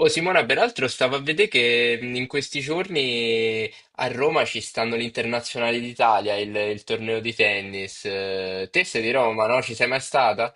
Oh, Simona, peraltro stavo a vedere che in questi giorni a Roma ci stanno l'Internazionale d'Italia, il torneo di tennis. Te sei di Roma, no? Ci sei mai stata?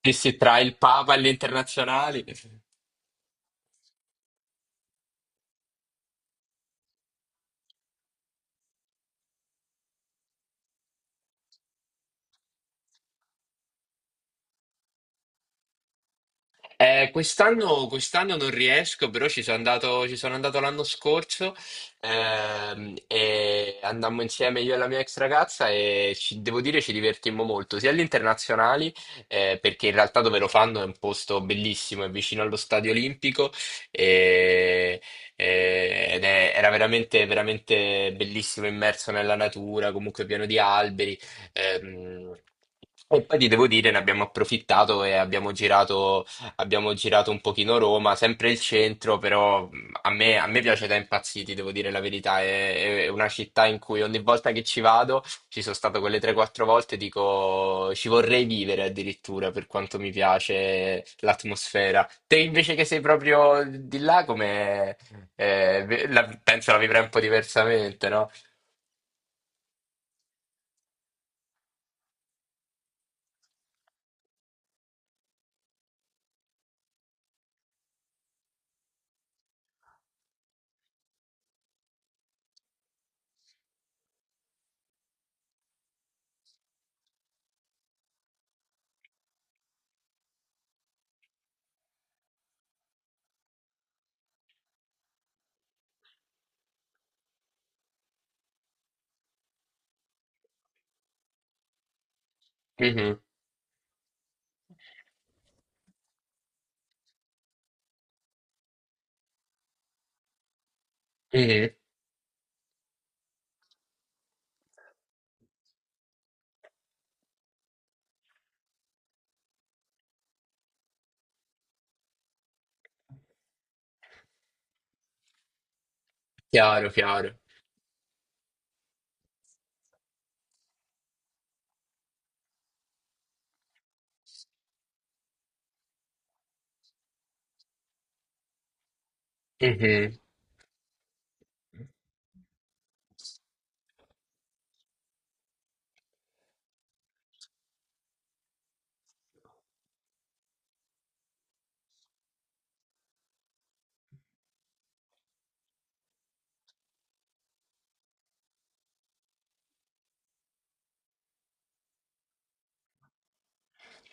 Sì, sì, tra il Papa e l'Internazionale. Quest'anno non riesco, però ci sono andato l'anno scorso e andammo insieme io e la mia ex ragazza e devo dire ci divertimmo molto, sia agli internazionali, perché in realtà dove lo fanno è un posto bellissimo, è vicino allo Stadio Olimpico e- era veramente, veramente bellissimo, immerso nella natura, comunque pieno di alberi. ehm, E poi ti devo dire, ne abbiamo approfittato e abbiamo girato un pochino Roma, sempre il centro, però a me piace da impazziti, devo dire la verità. È una città in cui ogni volta che ci vado, ci sono stato quelle 3-4 volte, dico ci vorrei vivere addirittura per quanto mi piace l'atmosfera. Te invece che sei proprio di là, come penso la vivrai un po' diversamente, no? Mhm, mhm. Chiaro, chiaro. Mhm.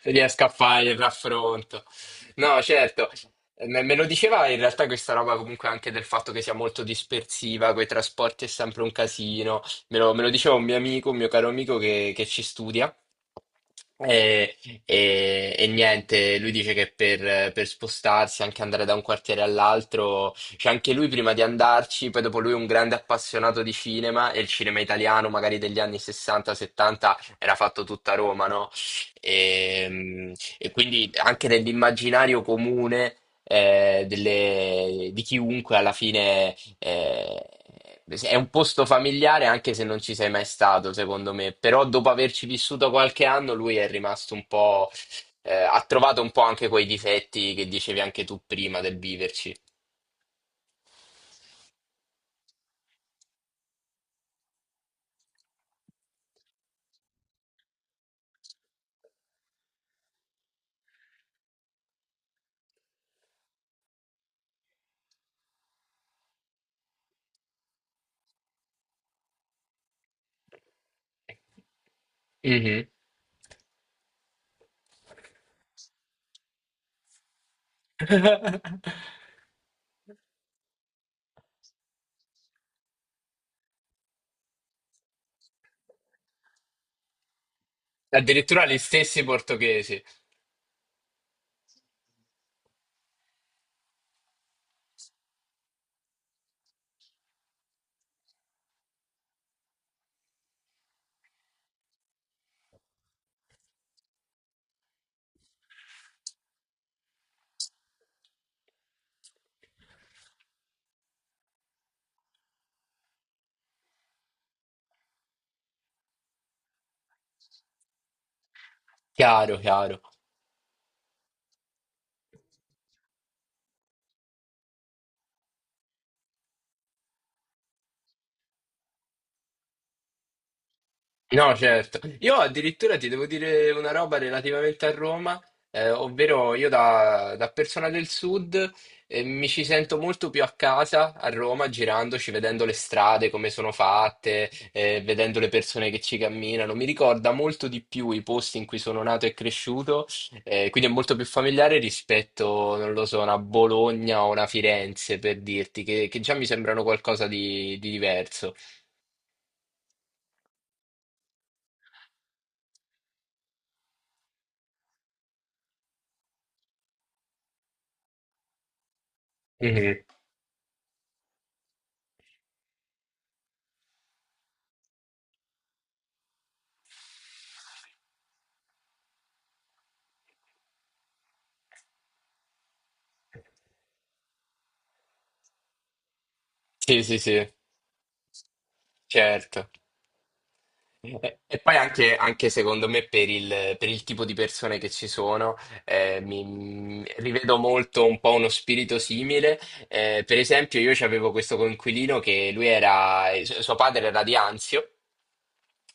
Se riesco a fare il raffronto. No, certo. Me lo diceva in realtà questa roba comunque anche del fatto che sia molto dispersiva, coi trasporti è sempre un casino. Me lo diceva un mio amico, un mio caro amico che ci studia. E, e niente, lui dice che per spostarsi, anche andare da un quartiere all'altro, cioè anche lui prima di andarci, poi dopo lui è un grande appassionato di cinema e il cinema italiano, magari degli anni 60-70, era fatto tutta a Roma, no? E quindi anche nell'immaginario comune di chiunque alla fine è un posto familiare anche se non ci sei mai stato, secondo me. Però dopo averci vissuto qualche anno, lui è rimasto un po', ha trovato un po' anche quei difetti che dicevi anche tu prima del viverci. Mhm. Addirittura gli stessi portoghesi. Chiaro, chiaro. No, certo. Io addirittura ti devo dire una roba relativamente a Roma, ovvero io da persona del sud, mi ci sento molto più a casa a Roma, girandoci, vedendo le strade, come sono fatte, vedendo le persone che ci camminano. Mi ricorda molto di più i posti in cui sono nato e cresciuto, quindi è molto più familiare rispetto, non lo so, a una Bologna o una Firenze, per dirti, che già mi sembrano qualcosa di diverso. Mhm. Sì, sì, sì, certo. E poi anche, anche secondo me per per il tipo di persone che ci sono, mi rivedo molto un po' uno spirito simile. Per esempio, io avevo questo coinquilino che lui era, suo padre era di Anzio.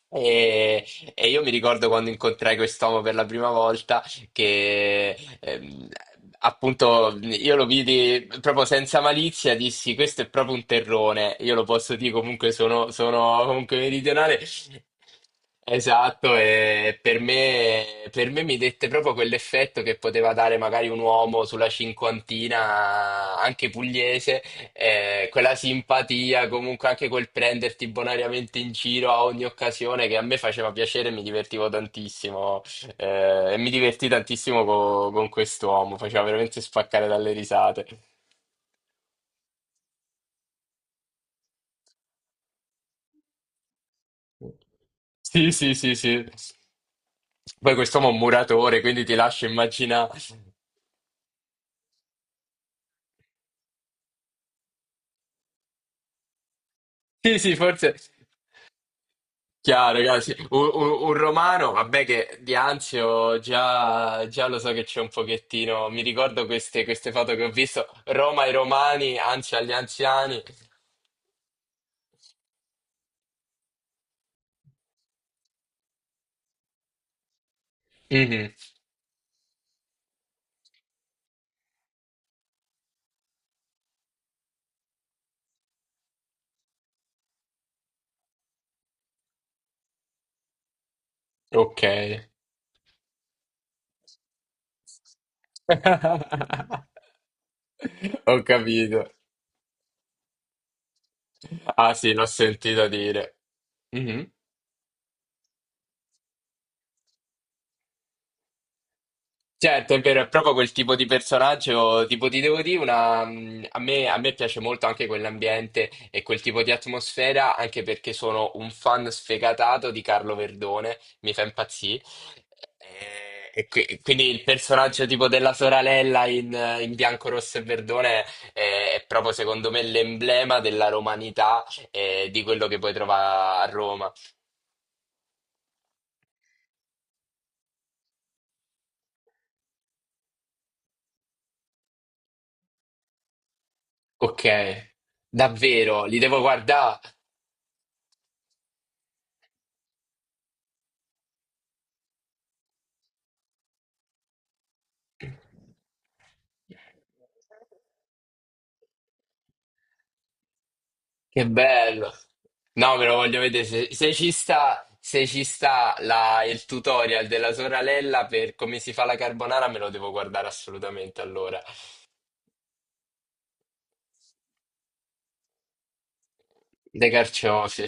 E, e io mi ricordo quando incontrai quest'uomo per la prima volta che appunto io lo vidi proprio senza malizia, dissi questo è proprio un terrone, io lo posso dire comunque sono, sono comunque meridionale. Esatto, e per me mi dette proprio quell'effetto che poteva dare magari un uomo sulla cinquantina, anche pugliese, quella simpatia, comunque anche quel prenderti bonariamente in giro a ogni occasione che a me faceva piacere, e mi divertivo tantissimo e mi divertì tantissimo con quest'uomo, faceva veramente spaccare dalle risate. Sì, sì, sì, sì. Poi quest'uomo è un muratore, quindi ti lascio immaginare. Sì, sì, forse. Chiaro, chiaro, sì. Un romano, vabbè che di Anzio già, già lo so che c'è un pochettino, mi ricordo queste, queste foto che ho visto, Roma ai romani, Anzio agli anziani. Mhm, ok. Ho capito. Ah sì, l'ho sentito dire. Mhm. Certo, è vero, è proprio quel tipo di personaggio, tipo ti devo dire, una, a me piace molto anche quell'ambiente e quel tipo di atmosfera, anche perché sono un fan sfegatato di Carlo Verdone, mi fa impazzire. E quindi il personaggio tipo della sorella in, in bianco, rosso e verdone è proprio secondo me l'emblema della romanità e di quello che puoi trovare a Roma. Ok, davvero, li devo guardare. Che bello! No, me lo voglio vedere. Se ci sta, se ci sta il tutorial della sorella per come si fa la carbonara, me lo devo guardare assolutamente allora. Dei carciofi.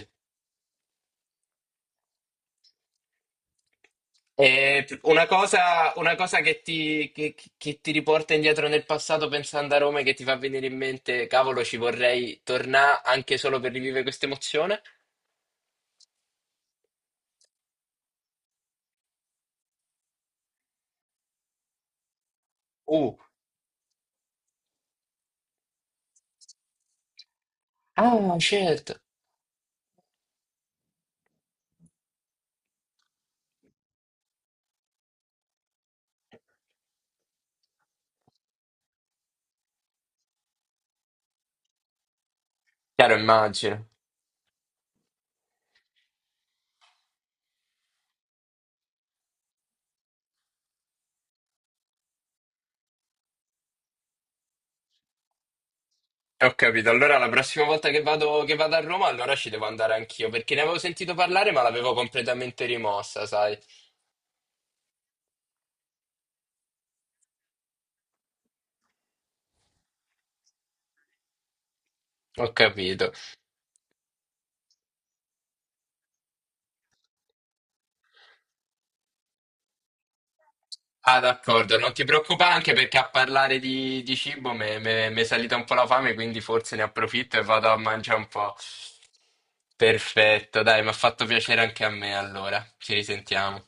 E una cosa che ti riporta indietro nel passato pensando a Roma e che ti fa venire in mente, cavolo, ci vorrei tornare anche solo per rivivere questa emozione? Uh, ah, certo. Chiaro, immagino. Ho capito, allora la prossima volta che vado a Roma, allora ci devo andare anch'io, perché ne avevo sentito parlare, ma l'avevo completamente rimossa, sai? Ho capito. Ah, d'accordo, non ti preoccupare, anche perché a parlare di cibo mi è salita un po' la fame, quindi forse ne approfitto e vado a mangiare un po'. Perfetto, dai, mi ha fatto piacere anche a me, allora. Ci risentiamo.